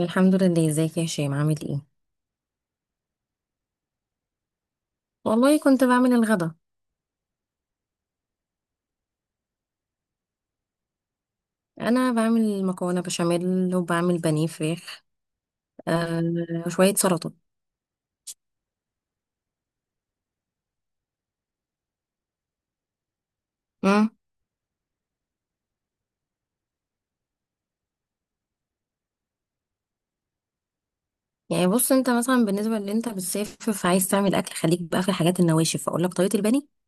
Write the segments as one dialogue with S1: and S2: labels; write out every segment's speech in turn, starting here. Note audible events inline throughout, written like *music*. S1: الحمد لله، ازيك يا هشام؟ عامل ايه؟ والله كنت بعمل الغدا. انا بعمل مكرونه بشاميل وبعمل بانيه فراخ. آه، وشويه سلطه. امم يعني بص، انت مثلا بالنسبه اللي انت بتسافر فعايز تعمل اكل، خليك بقى في الحاجات النواشف. اقول لك طريقه البانيه.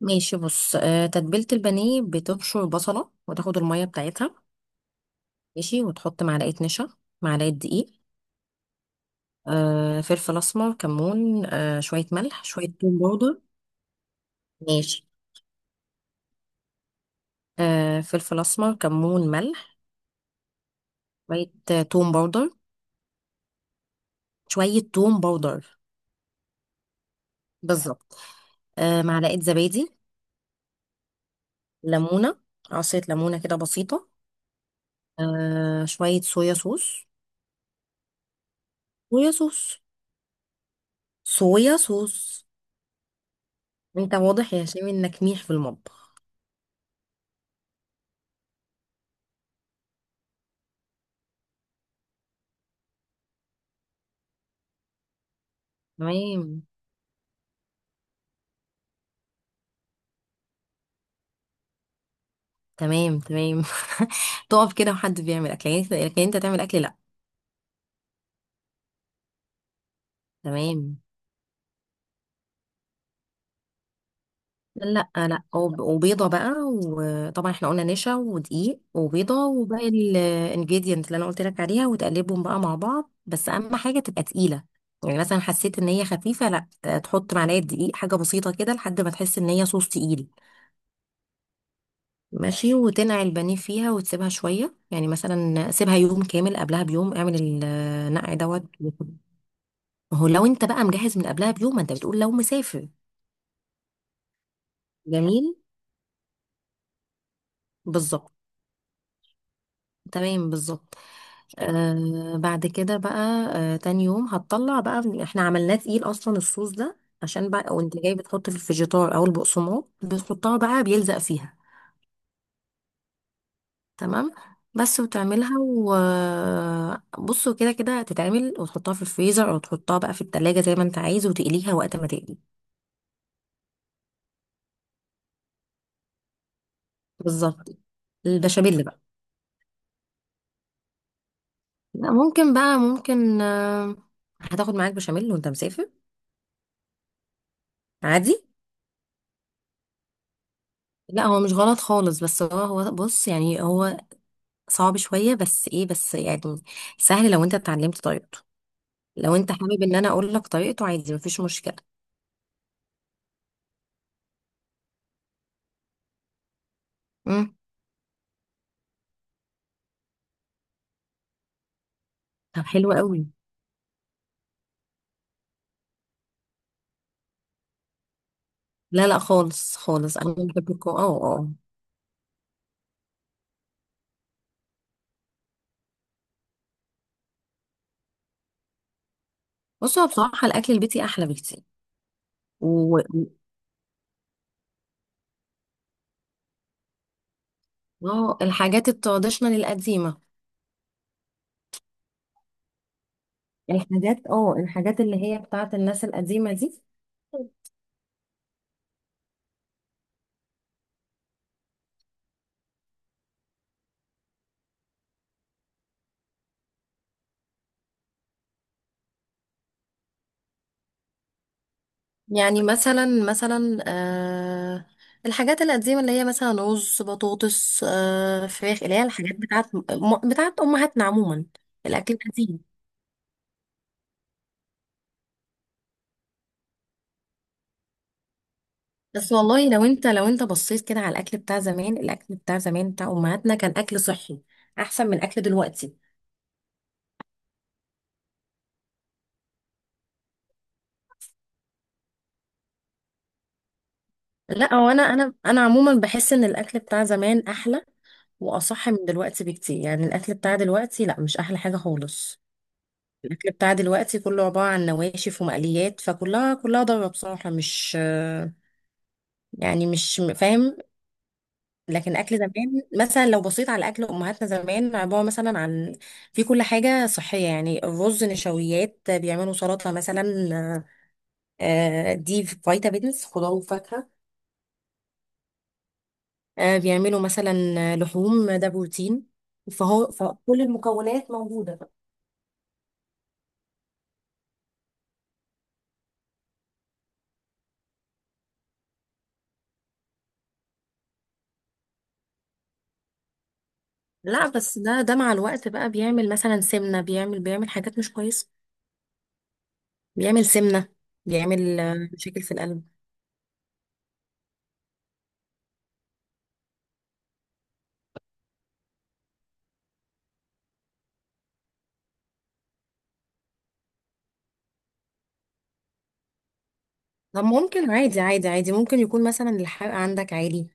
S1: ماشي، بص. تتبيله البانيه: بتبشر بصله وتاخد الميه بتاعتها. ماشي، وتحط معلقه نشا، معلقه دقيق. فلفل اسمر، كمون، شويه ملح، شويه توم باودر. ماشي. فلفل اسمر، كمون، ملح، شوية توم باودر. شوية توم باودر. بالظبط. معلقة زبادي. ليمونة، عصير ليمونة كده بسيطة. شوية صويا صوص. صويا صوص. صويا صوص. انت واضح يا هشام انك ميح في المطبخ. تمام تمام. *laughs* تقف كده وحد بيعمل اكل يعني، انت لكن انت تعمل اكل لا. تمام. لا لا، وبيضة بقى. وطبعا احنا قلنا نشا ودقيق وبيضة وباقي الانجريدينت اللي انا قلت لك عليها، وتقلبهم بقى مع بعض، بس اهم حاجة تبقى تقيلة. يعني مثلا حسيت ان هي خفيفة، لا تحط معلقة دقيق، حاجة بسيطة كده لحد ما تحس ان هي صوص تقيل. ماشي، وتنقع البانيه فيها وتسيبها شوية. يعني مثلا سيبها يوم كامل، قبلها بيوم اعمل النقع دوت. ما هو لو انت بقى مجهز من قبلها بيوم، ما انت بتقول لو مسافر. جميل. بالظبط. تمام، بالظبط. بعد كده بقى، تاني يوم هتطلع بقى، احنا عملناه تقيل اصلا الصوص ده. عشان بقى وانت جاي بتحط في الفيجيتار او البقسماط، بتحطها بقى بيلزق فيها. تمام. بس وتعملها، وبصوا كده كده هتتعمل، وتحطها في الفريزر او تحطها بقى في التلاجة زي ما انت عايز، وتقليها وقت ما تقلي. بالظبط. البشاميل بقى. لا ممكن بقى، ممكن هتاخد معاك بشاميل وانت مسافر. عادي. لا هو مش غلط خالص، بس هو بص، يعني هو صعب شوية، بس ايه، بس يعني سهل لو انت اتعلمت طريقته. لو انت حابب ان انا اقول لك طريقته، عادي، مفيش مشكلة. امم طب حلو قوي. لا لا، خالص خالص، انا بحب الكو. اه اه. بص، هو بصراحة الاكل البيتي احلى بكتير. و و- اه، الحاجات التراديشنال القديمة. الحاجات، اه، الحاجات اللي هي بتاعت الناس القديمة دي. يعني مثلا آه، الحاجات القديمة اللي هي مثلا رز، بطاطس، آه، فراخ، اللي هي الحاجات بتاعت بتاعت أمهاتنا عموما. الأكل القديم. بس والله لو انت، بصيت كده على الأكل بتاع زمان، الأكل بتاع زمان بتاع أمهاتنا كان أكل صحي أحسن من أكل دلوقتي. لا، هو أنا عموما بحس إن الأكل بتاع زمان أحلى وأصح من دلوقتي بكتير. يعني الأكل بتاع دلوقتي لا، مش أحلى حاجة خالص. الاكل بتاع دلوقتي كله عباره عن نواشف ومقليات، فكلها ضاره بصراحه، مش يعني مش فاهم. لكن اكل زمان، مثلا لو بصيت على اكل امهاتنا زمان، عباره مثلا عن، في كل حاجه صحيه. يعني الرز نشويات، بيعملوا سلطه مثلا، آه، دي فيتامينز، خضار وفاكهه. آه، بيعملوا مثلا لحوم، ده بروتين. فهو فكل المكونات موجوده. لا، بس ده مع الوقت بقى بيعمل مثلا سمنه، بيعمل حاجات مش كويسه. بيعمل سمنة، بيعمل آه، مشاكل في القلب. طب ممكن، عادي، ممكن يكون مثلا الحرق عندك عادي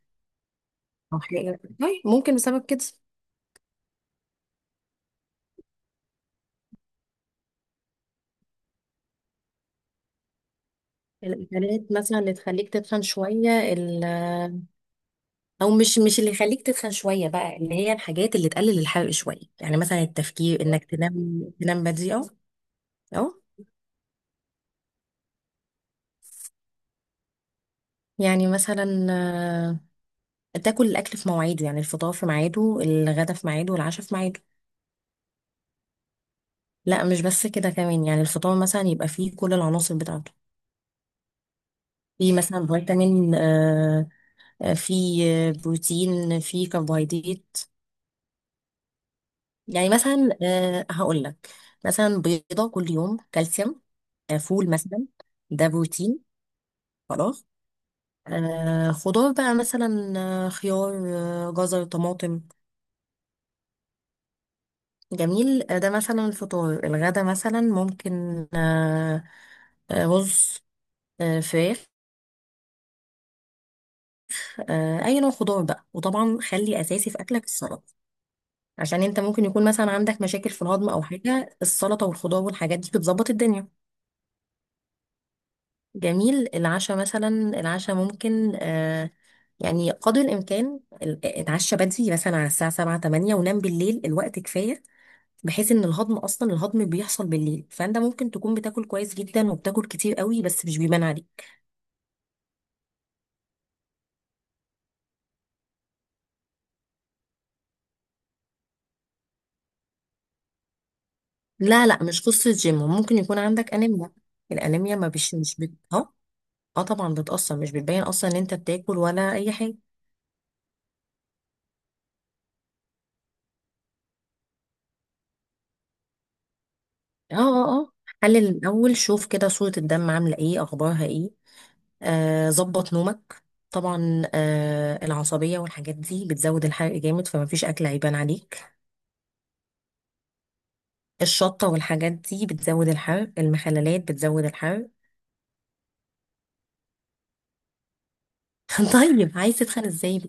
S1: أو حاجة. طيب ممكن بسبب كده. الأكلات مثلا اللي تخليك تتخن شوية، أو مش، اللي يخليك تتخن شوية بقى، اللي هي الحاجات اللي تقلل الحرق شوية. يعني مثلا التفكير إنك تنام، بدري أو، أو يعني مثلا آه، تاكل الأكل في مواعيده. يعني الفطار في ميعاده، الغدا في ميعاده، والعشاء في ميعاده. لا مش بس كده، كمان يعني الفطار مثلا يبقى فيه كل العناصر بتاعته. في مثلا فيتامين آه، آه، في آه، بروتين، في كربوهيدرات. يعني مثلا آه، هقول لك، مثلا بيضة كل يوم، كالسيوم. آه، فول مثلا، ده بروتين. خلاص. آه، خضار بقى مثلا، آه، خيار، آه، جزر، طماطم. جميل. آه، ده مثلا الفطار. الغدا مثلا ممكن آه، رز، آه، فراخ، آه، اي نوع خضار بقى. وطبعا خلي اساسي في اكلك السلطه، عشان انت ممكن يكون مثلا عندك مشاكل في الهضم او حاجه. السلطه والخضار والحاجات دي بتظبط الدنيا. جميل. العشاء مثلا، العشاء ممكن آه، يعني قدر الامكان اتعشى بدري مثلا على الساعه 7، 8، ونام بالليل الوقت كفايه، بحيث ان الهضم، اصلا الهضم بيحصل بالليل. فانت ممكن تكون بتاكل كويس جدا وبتاكل كتير قوي بس مش بيبان عليك. لا لا، مش قصه جيم، ممكن يكون عندك انيميا. الانيميا ما بش مش بت... اه، اه طبعا بتأثر، مش بتبين اصلا ان انت بتاكل ولا اي حاجه. اه. حلل الاول، شوف كده صورة الدم عاملة ايه، اخبارها ايه. آه، ظبط نومك. طبعا آه، العصبية والحاجات دي بتزود الحرق جامد، فما فيش اكل عيبان عليك. الشطة والحاجات دي بتزود الحرق، المخللات بتزود الحرق. *laughs* طيب عايز تتخن ازاي؟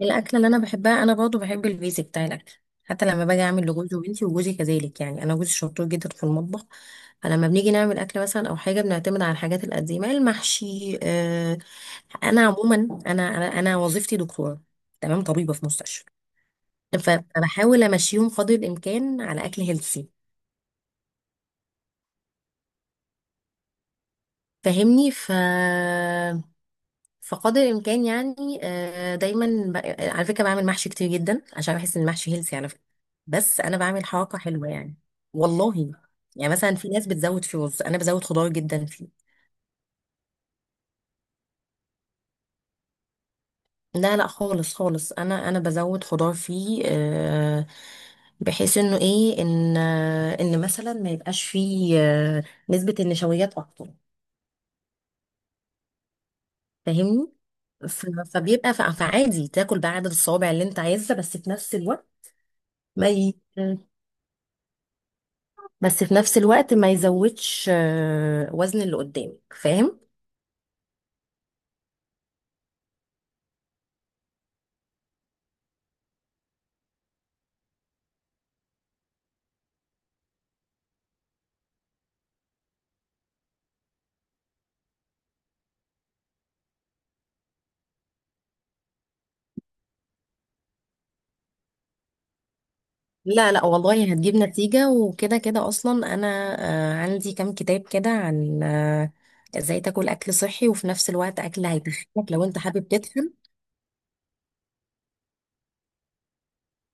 S1: الأكلة اللي أنا بحبها، أنا برضه بحب البيزك بتاع الأكل. حتى لما باجي أعمل لجوزي وبنتي، وجوزي كذلك، يعني أنا جوزي شطور جدا في المطبخ. فلما بنيجي نعمل أكل مثلا أو حاجة، بنعتمد على الحاجات القديمة، المحشي، آه. أنا عموما، أنا وظيفتي دكتورة. تمام، طبيبة في مستشفى. فبحاول أمشيهم قدر الإمكان على أكل هيلثي. فاهمني. فقدر الامكان يعني آه، دايما على فكره بعمل محشي كتير جدا، عشان بحس ان المحشي هيلثي على فكره. بس انا بعمل حركه حلوه يعني. والله. يعني مثلا في ناس بتزود في رز، انا بزود خضار جدا فيه. لا لا، خالص خالص، انا بزود خضار فيه آه، بحيث انه ايه، ان آه، ان مثلا ما يبقاش فيه آه، نسبه النشويات اكتر. فاهمني. ف- فبيبقى فعادي تاكل بعدد الصوابع اللي انت عايزها، بس في نفس الوقت ما ي... بس في نفس الوقت ما يزودش آه، وزن اللي قدامك، فاهم. لا لا والله هتجيب نتيجة. وكده كده أصلا أنا آه، عندي كام كتاب كده عن آه، ازاي تاكل أكل صحي وفي نفس الوقت أكل هيتخنك، لو أنت حابب تدخل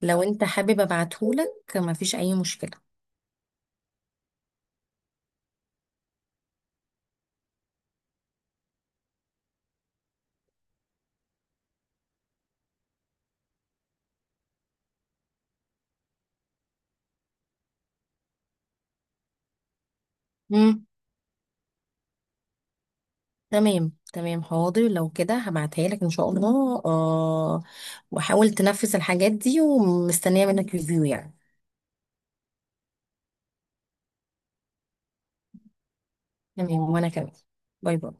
S1: لو أنت حابب أبعتهولك، مفيش أي مشكلة. مم. تمام تمام، حاضر، لو كده هبعتها لك إن شاء الله. آه، وحاول تنفذ الحاجات دي، ومستنية منك ريفيو يعني. تمام، وأنا كمان. باي باي.